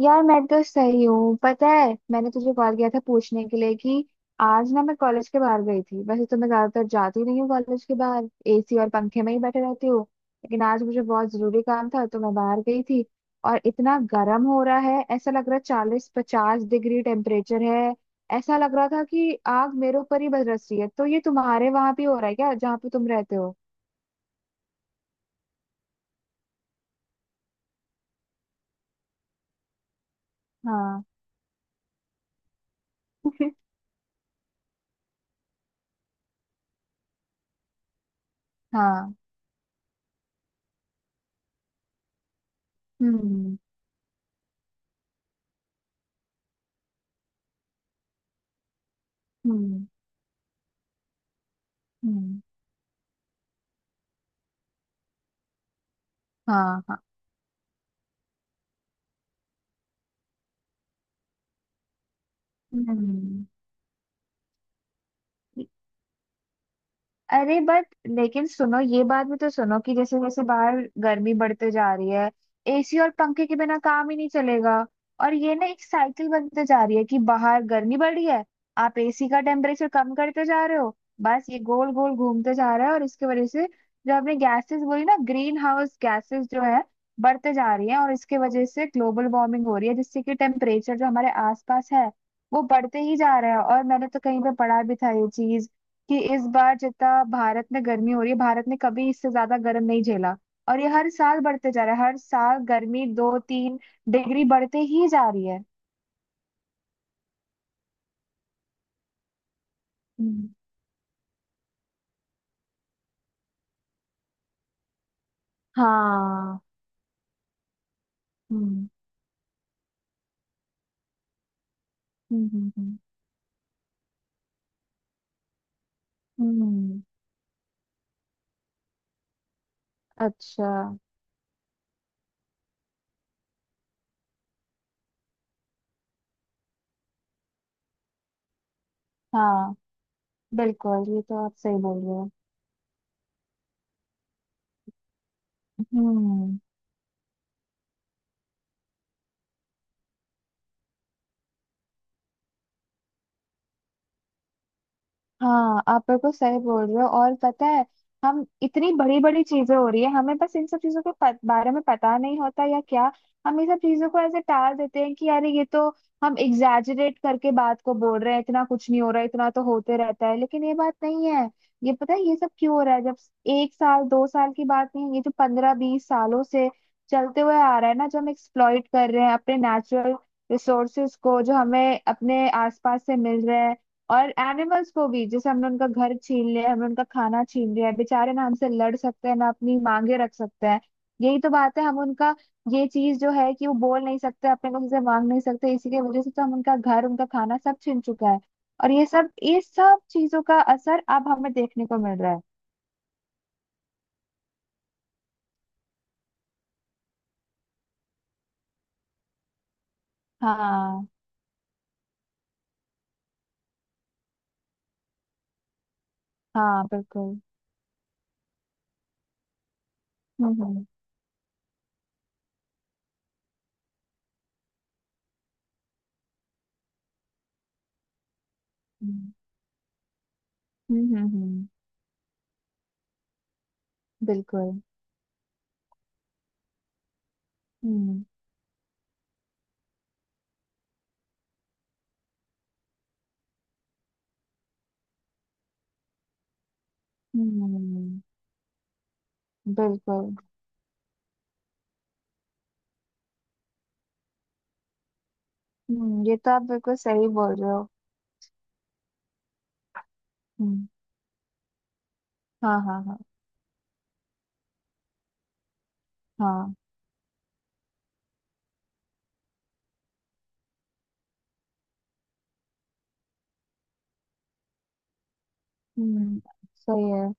यार मैं तो सही हूँ। पता है मैंने तुझे कॉल किया था पूछने के लिए कि आज ना मैं कॉलेज के बाहर गई थी। वैसे तो मैं ज्यादातर जाती नहीं हूँ कॉलेज के बाहर, एसी और पंखे में ही बैठे रहती हूँ। लेकिन आज मुझे बहुत जरूरी काम था तो मैं बाहर गई थी। और इतना गर्म हो रहा है, ऐसा लग रहा है 40-50 डिग्री टेम्परेचर है। ऐसा लग रहा था कि आग मेरे ऊपर ही बरस रही है। तो ये तुम्हारे वहां भी हो रहा है क्या, जहाँ पे तुम रहते हो? हाँ। हाँ। हम्म। हम्म। हम्म। हाँ हाँ। हम्म। अरे बट लेकिन सुनो, ये बात भी तो सुनो कि जैसे जैसे बाहर गर्मी बढ़ते जा रही है, एसी और पंखे के बिना काम ही नहीं चलेगा। और ये ना एक साइकिल बनते जा रही है कि बाहर गर्मी बढ़ रही है, आप एसी का टेम्परेचर कम करते जा रहे हो, बस ये गोल गोल घूमते जा रहा है। और इसकी वजह से जो आपने गैसेस बोली ना, ग्रीन हाउस गैसेस जो है बढ़ते जा रही है, और इसके वजह से ग्लोबल वार्मिंग हो रही है जिससे कि टेम्परेचर जो हमारे आसपास है वो बढ़ते ही जा रहा है। और मैंने तो कहीं पे पढ़ा भी था ये चीज कि इस बार जितना भारत में गर्मी हो रही है, भारत ने कभी इससे ज्यादा गर्म नहीं झेला। और ये हर साल बढ़ते जा रहा है, हर साल गर्मी 2-3 डिग्री बढ़ते ही जा रही है। हम्म। हाँ। हम्म। हम्म। हम्म। हम्म। हम्म। अच्छा। हाँ बिल्कुल, ये तो आप सही बोल रहे हो। हम्म। हाँ आप बिल्कुल सही बोल रहे हो। और पता है, हम इतनी बड़ी बड़ी चीजें हो रही है, हमें बस इन सब चीजों के बारे में पता नहीं होता या क्या, हम ये सब चीजों को ऐसे टाल देते हैं कि यार ये तो हम एग्जैजरेट करके बात को बोल रहे हैं, इतना कुछ नहीं हो रहा, इतना तो होते रहता है। लेकिन ये बात नहीं है। ये पता है ये सब क्यों हो रहा है? जब एक साल दो साल की बात नहीं है, ये जो 15-20 सालों से चलते हुए आ रहा है ना, जो हम एक्सप्लॉइट कर रहे हैं अपने नेचुरल रिसोर्सेज को जो हमें अपने आसपास से मिल रहे हैं। और एनिमल्स को भी, जैसे हमने उनका घर छीन लिया, हमने उनका खाना छीन लिया है, बेचारे ना हमसे लड़ सकते हैं ना अपनी मांगे रख सकते हैं। यही तो बात है, हम उनका, ये चीज जो है कि वो बोल नहीं सकते अपने को, किसी से मांग नहीं सकते, इसी की वजह से तो हम उनका घर उनका खाना सब छीन चुका है। और ये सब चीजों का असर अब हमें देखने को मिल रहा है। हाँ हाँ बिल्कुल। हम्म। हम्म। हम्म। हम्म। हम्म। हम्म। बिल्कुल। हम्म। हम्म बिल्कुल। ये तो आप बिल्कुल सही बोल रहे हो। हम्म। हाँ हाँ हाँ। हाँ। हम्म। सही है।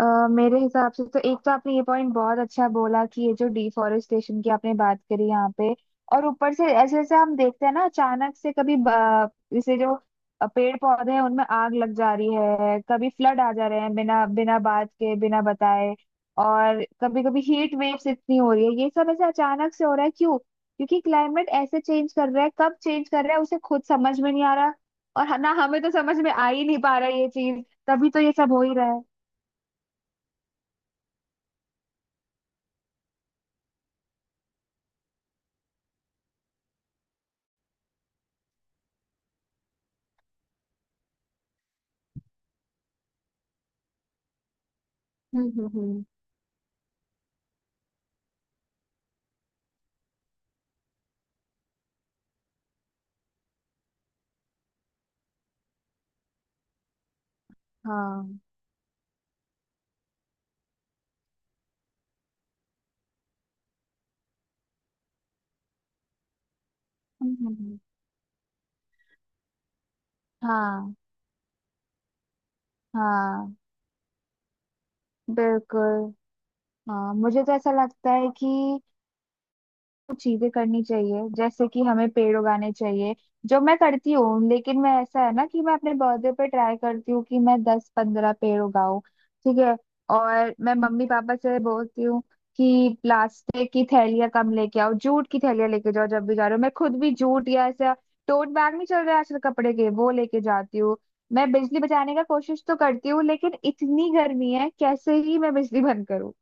अ मेरे हिसाब से तो, एक तो आपने ये पॉइंट बहुत अच्छा बोला कि ये जो डिफोरेस्टेशन की आपने बात करी यहाँ पे, और ऊपर से ऐसे ऐसे हम देखते हैं ना अचानक से, कभी जैसे जो पेड़ पौधे हैं उनमें आग लग जा रही है, कभी फ्लड आ जा रहे हैं बिना बिना बात के, बिना बताए, और कभी कभी हीट वेव्स इतनी हो रही है। ये सब ऐसे अचानक से हो रहा है क्यों? क्योंकि क्लाइमेट ऐसे चेंज कर रहा है, कब चेंज कर रहा है उसे खुद समझ में नहीं आ रहा, और ना हमें तो समझ में आ ही नहीं पा रहा ये चीज, तभी तो ये सब हो ही रहा है। हम्म। हम्म। हाँ। हम्म। हम्म। हम्म। हाँ। हाँ बिल्कुल। हाँ मुझे तो ऐसा लगता है कि चीजें करनी चाहिए, जैसे कि हमें पेड़ उगाने चाहिए, जो मैं करती हूँ। लेकिन मैं, ऐसा है ना कि मैं अपने बर्थडे पे ट्राई करती हूँ कि मैं 10-15 पेड़ उगाऊं। ठीक है। और मैं मम्मी पापा से बोलती हूँ कि प्लास्टिक की थैलियाँ कम लेके आओ, जूट की थैलियाँ लेके जाओ जब भी जा रहे हो। मैं खुद भी जूट या ऐसा, टोट बैग नहीं चल रहा है आजकल, कपड़े के वो लेके जाती हूँ। मैं बिजली बचाने का कोशिश तो करती हूँ, लेकिन इतनी गर्मी है कैसे ही मैं बिजली बंद करूँ।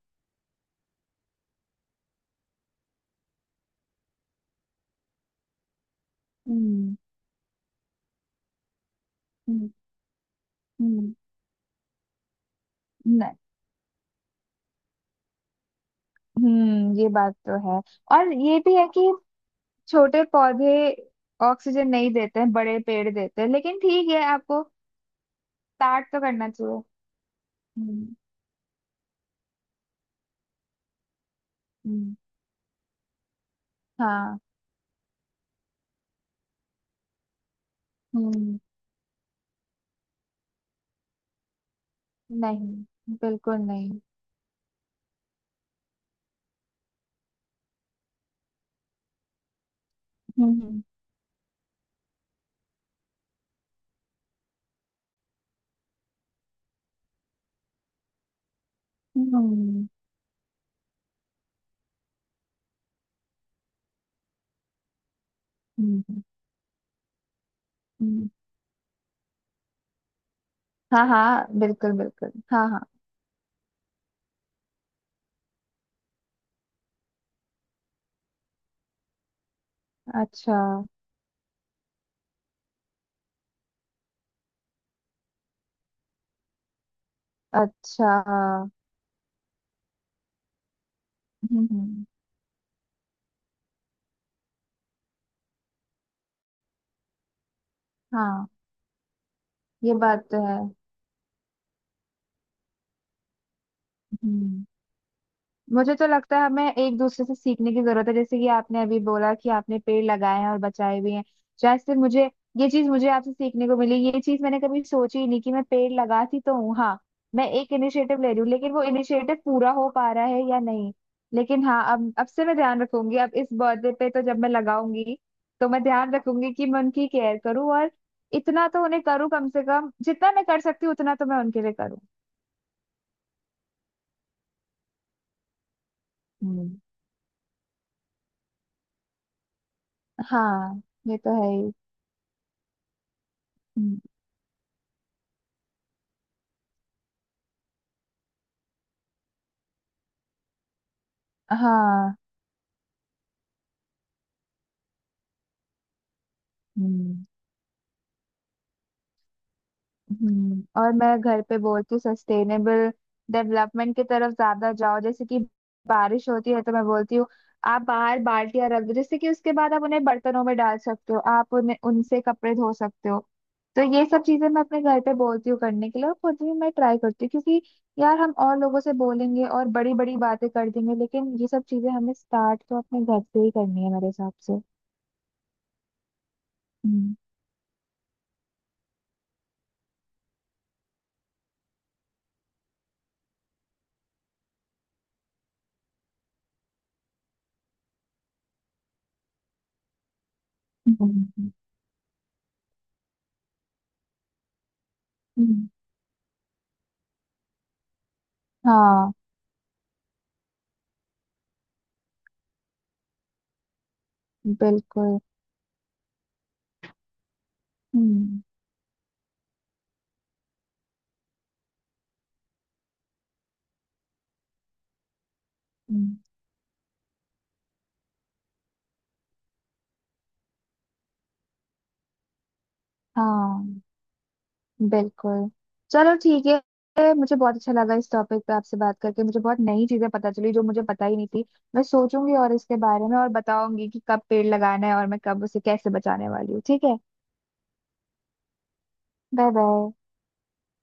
हम्म। हम्म। हम्म। ये बात तो है। और ये भी है कि छोटे पौधे ऑक्सीजन नहीं देते हैं, बड़े पेड़ देते हैं। लेकिन ठीक है, आपको स्टार्ट तो करना चाहिए। हम्म। हम्म। हाँ। हम्म। नहीं, बिल्कुल नहीं। हम्म। हम्म। हम्म। हम्म। हम्म। हाँ हाँ बिल्कुल बिल्कुल हाँ हाँ। अच्छा। अच्छा। हम्म। हम्म। हाँ ये बात तो है। हम्म मुझे तो लगता है हमें एक दूसरे से सीखने की जरूरत है, जैसे कि आपने अभी बोला कि आपने पेड़ लगाए हैं और बचाए भी हैं। शायद से मुझे ये चीज, मुझे आपसे सीखने को मिली। ये चीज मैंने कभी सोची ही नहीं कि मैं पेड़ लगाती तो हूँ, हाँ मैं एक इनिशिएटिव ले रही हूँ, लेकिन वो इनिशिएटिव पूरा हो पा रहा है या नहीं। लेकिन हाँ, अब से मैं ध्यान रखूंगी, अब इस बर्थडे पे तो जब मैं लगाऊंगी तो मैं ध्यान रखूंगी कि मैं उनकी केयर करूँ, और इतना तो उन्हें करूँ, कम से कम जितना मैं कर सकती हूँ उतना तो मैं उनके लिए करूँ। हम्म। हाँ ये तो है ही। हम्म। हाँ। हम्म। और मैं घर पे बोलती हूँ सस्टेनेबल डेवलपमेंट की तरफ ज्यादा जाओ, जैसे कि बारिश होती है तो मैं बोलती हूँ आप बाहर बाल्टियां रख दो, जैसे कि उसके बाद आप उन्हें बर्तनों में डाल सकते हो, आप उन्हें उनसे कपड़े धो सकते हो। तो ये सब चीजें मैं अपने घर पे बोलती हूँ करने के लिए, और खुद भी मैं ट्राई करती हूँ, क्योंकि यार हम और लोगों से बोलेंगे और बड़ी बड़ी बातें कर देंगे, लेकिन ये सब चीजें हमें स्टार्ट तो अपने घर से ही करनी है मेरे हिसाब से। हम्म। हम्म। हम्म। हम्म। हाँ बिल्कुल। हम्म। हम्म। हाँ बिल्कुल। चलो ठीक है, मुझे बहुत अच्छा लगा इस टॉपिक पे आपसे बात करके, मुझे बहुत नई चीजें पता चली जो मुझे पता ही नहीं थी। मैं सोचूंगी और इसके बारे में, और बताऊंगी कि कब पेड़ लगाना है और मैं कब, उसे कैसे बचाने वाली हूँ। ठीक है, बाय बाय।